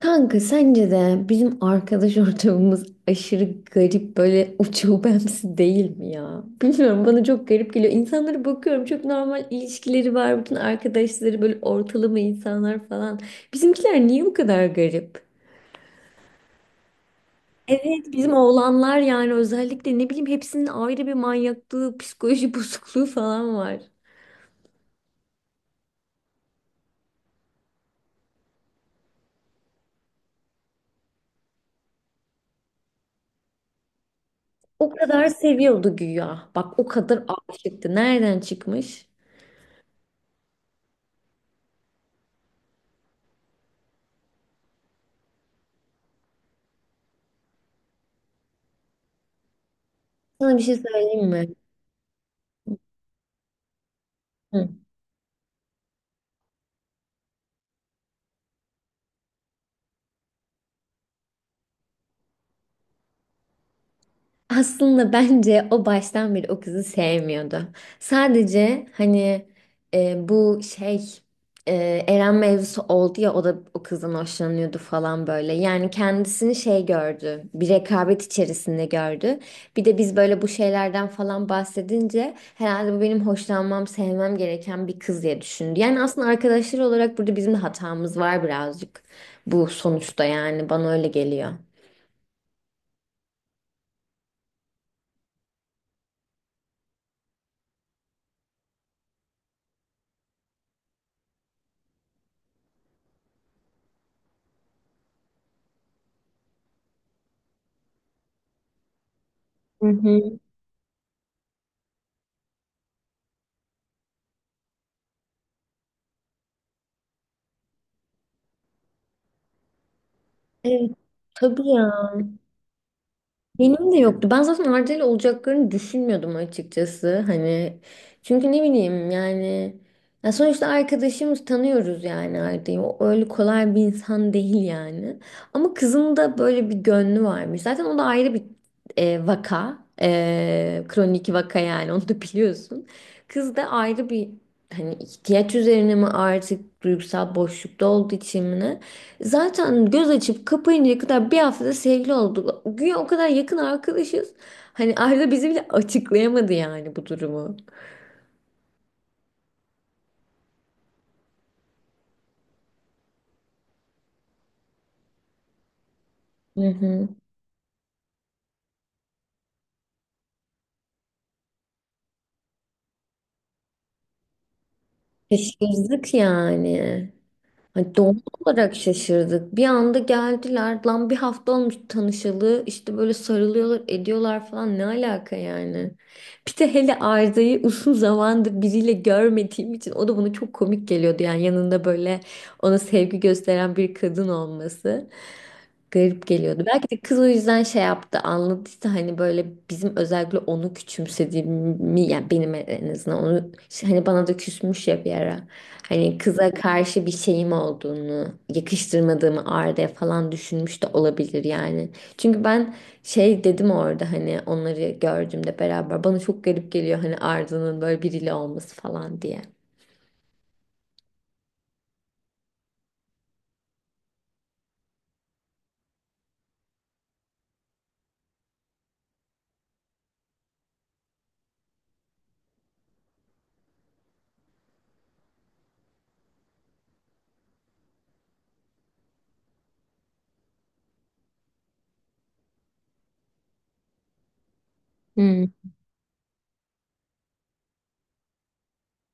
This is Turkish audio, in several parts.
Kanka sence de bizim arkadaş ortamımız aşırı garip böyle uçubemsi değil mi ya? Bilmiyorum, bana çok garip geliyor. İnsanlara bakıyorum, çok normal ilişkileri var. Bütün arkadaşları böyle ortalama insanlar falan. Bizimkiler niye bu kadar garip? Evet, bizim oğlanlar yani özellikle ne bileyim hepsinin ayrı bir manyaklığı, psikoloji bozukluğu falan var. O kadar seviyordu güya. Bak, o kadar aşıktı. Nereden çıkmış? Sana bir şey söyleyeyim mi? Hı. Aslında bence o baştan beri o kızı sevmiyordu. Sadece hani, bu şey, e, Eren mevzusu oldu ya, o da o kızdan hoşlanıyordu falan böyle. Yani kendisini şey gördü, bir rekabet içerisinde gördü. Bir de biz böyle bu şeylerden falan bahsedince herhalde bu benim hoşlanmam, sevmem gereken bir kız diye düşündü. Yani aslında arkadaşlar olarak burada bizim de hatamız var birazcık, bu sonuçta yani bana öyle geliyor. Hı hı. Evet, tabii ya. Benim de yoktu. Ben zaten Arda'yla olacaklarını düşünmüyordum açıkçası. Hani çünkü ne bileyim yani, ya sonuçta arkadaşımız, tanıyoruz yani Arda'yı. O öyle kolay bir insan değil yani. Ama kızın da böyle bir gönlü varmış. Zaten o da ayrı bir vaka. Kronik vaka yani, onu da biliyorsun. Kız da ayrı bir, hani ihtiyaç üzerine mi, artık duygusal boşlukta olduğu için mi, ne? Zaten göz açıp kapayıncaya kadar bir haftada sevgili olduk. Güya o kadar yakın arkadaşız. Hani Arda bizi bile açıklayamadı yani bu durumu. Hı hı. Şaşırdık yani. Hani doğal olarak şaşırdık. Bir anda geldiler. Lan bir hafta olmuş tanışalı. İşte böyle sarılıyorlar, ediyorlar falan. Ne alaka yani? Bir de hele Arda'yı uzun zamandır biriyle görmediğim için o da bana çok komik geliyordu. Yani yanında böyle ona sevgi gösteren bir kadın olması. Garip geliyordu. Belki de kız o yüzden şey yaptı, anladıysa hani böyle bizim özellikle onu küçümsediğimi, yani benim en azından onu, hani bana da küsmüş ya bir ara. Hani kıza karşı bir şeyim olduğunu, yakıştırmadığımı Arda'ya falan düşünmüş de olabilir yani. Çünkü ben şey dedim orada, hani onları gördüğümde beraber bana çok garip geliyor, hani Arda'nın böyle biriyle olması falan diye. Hı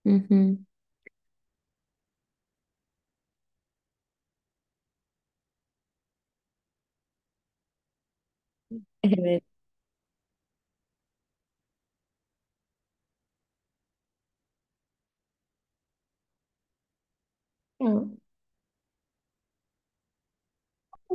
hı. Hı. Evet. Ya.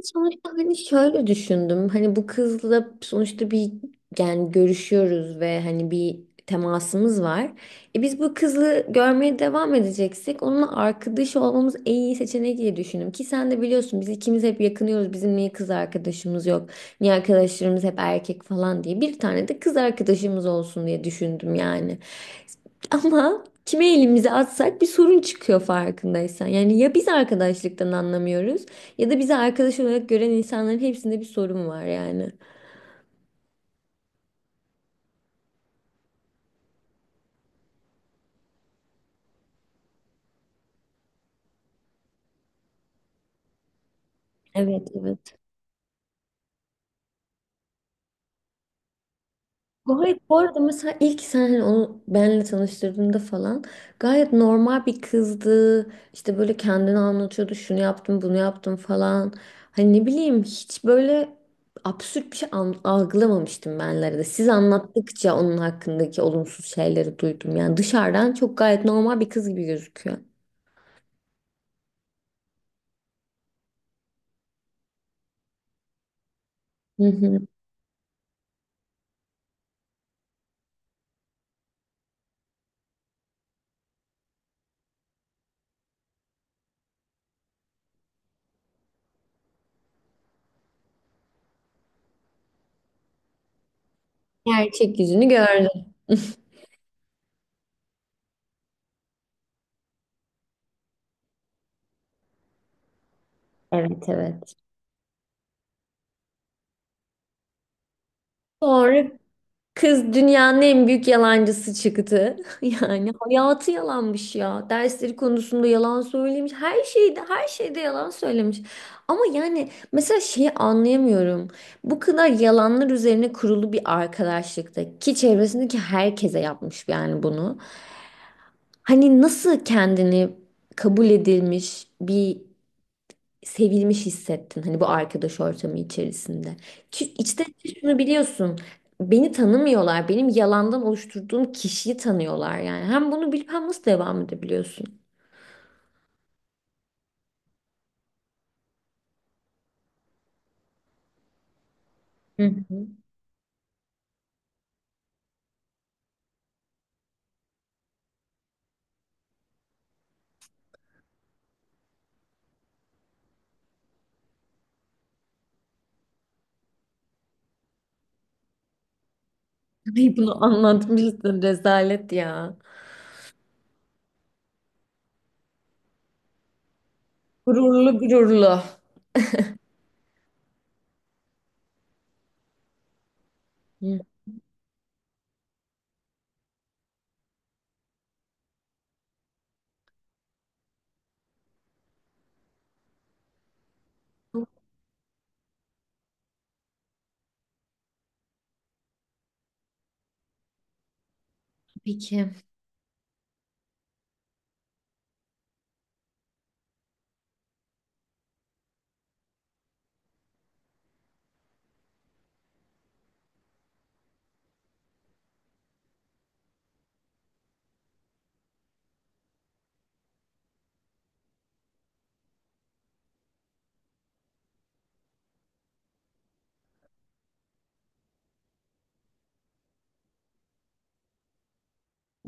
Sonuçta hani şöyle düşündüm. Hani bu kızla sonuçta bir, yani görüşüyoruz ve hani bir temasımız var. E biz bu kızı görmeye devam edeceksek onunla arkadaş olmamız en iyi seçenek diye düşündüm. Ki sen de biliyorsun biz ikimiz hep yakınıyoruz. Bizim niye kız arkadaşımız yok? Niye arkadaşlarımız hep erkek falan diye. Bir tane de kız arkadaşımız olsun diye düşündüm yani. Ama kime elimizi atsak bir sorun çıkıyor, farkındaysan. Yani ya biz arkadaşlıktan anlamıyoruz ya da bizi arkadaş olarak gören insanların hepsinde bir sorun var yani. Evet, evet. Gayet bu arada, mesela ilk sen hani onu benle tanıştırdığında falan gayet normal bir kızdı. İşte böyle kendini anlatıyordu. Şunu yaptım, bunu yaptım falan. Hani ne bileyim, hiç böyle absürt bir şey algılamamıştım benlere de. Siz anlattıkça onun hakkındaki olumsuz şeyleri duydum. Yani dışarıdan çok gayet normal bir kız gibi gözüküyor. Hı hı. Gerçek yüzünü gördüm. Evet, evet. Sonra kız dünyanın en büyük yalancısı çıktı. Yani hayatı yalanmış ya. Dersleri konusunda yalan söylemiş. Her şeyde, her şeyde yalan söylemiş. Ama yani mesela şeyi anlayamıyorum. Bu kadar yalanlar üzerine kurulu bir arkadaşlıkta, ki çevresindeki herkese yapmış yani bunu. Hani nasıl kendini kabul edilmiş bir, sevilmiş hissettin hani bu arkadaş ortamı içerisinde. Ki içten içe şunu biliyorsun. Beni tanımıyorlar. Benim yalandan oluşturduğum kişiyi tanıyorlar yani. Hem bunu bilip hem nasıl devam edebiliyorsun? Hı hı. Ay, bunu anlatmıştım, rezalet ya. Gururlu gururlu. Hı. Peki.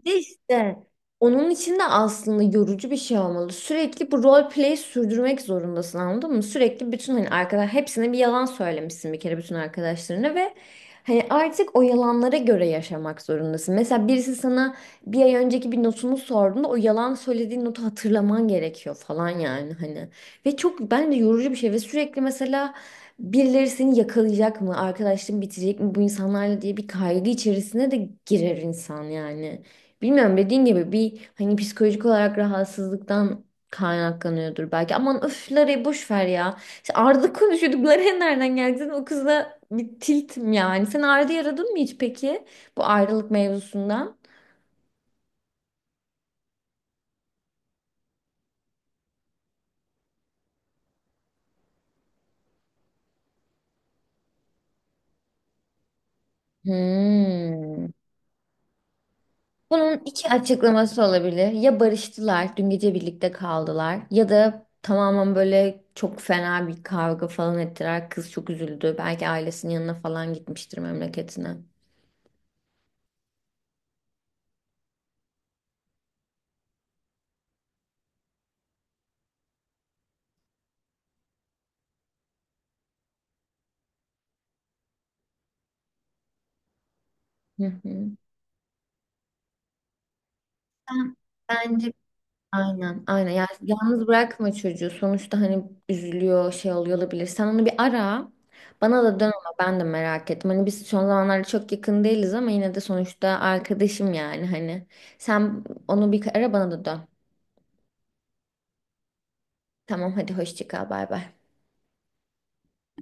De işte onun için de aslında yorucu bir şey olmalı. Sürekli bu role play sürdürmek zorundasın, anladın mı? Sürekli bütün, hani arkadaş, hepsine bir yalan söylemişsin bir kere bütün arkadaşlarına ve hani artık o yalanlara göre yaşamak zorundasın. Mesela birisi sana bir ay önceki bir notunu sorduğunda o yalan söylediğin notu hatırlaman gerekiyor falan yani hani. Ve çok bence yorucu bir şey ve sürekli mesela birileri seni yakalayacak mı, arkadaşlığın bitecek mi bu insanlarla diye bir kaygı içerisine de girer insan yani. Bilmiyorum, dediğin gibi bir hani psikolojik olarak rahatsızlıktan kaynaklanıyordur belki. Aman, öfleri boş ver ya. İşte Arda konuşuyorduk. Lara'ya nereden geldi? Zaten o kızla bir tiltim yani. Sen Arda'yı aradın mı hiç peki? Bu ayrılık mevzusundan. Hmm. Bunun iki açıklaması olabilir. Ya barıştılar, dün gece birlikte kaldılar ya da tamamen böyle çok fena bir kavga falan ettiler. Kız çok üzüldü. Belki ailesinin yanına falan gitmiştir, memleketine. Hı hı. Ben- Bence aynen aynen, yani yalnız bırakma çocuğu sonuçta, hani üzülüyor, şey oluyor olabilir, sen onu bir ara, bana da dön, ama ben de merak ettim, hani biz son zamanlarda çok yakın değiliz ama yine de sonuçta arkadaşım yani, hani sen onu bir ara, bana da dön. Tamam, hadi hoşça kal. Bay bay.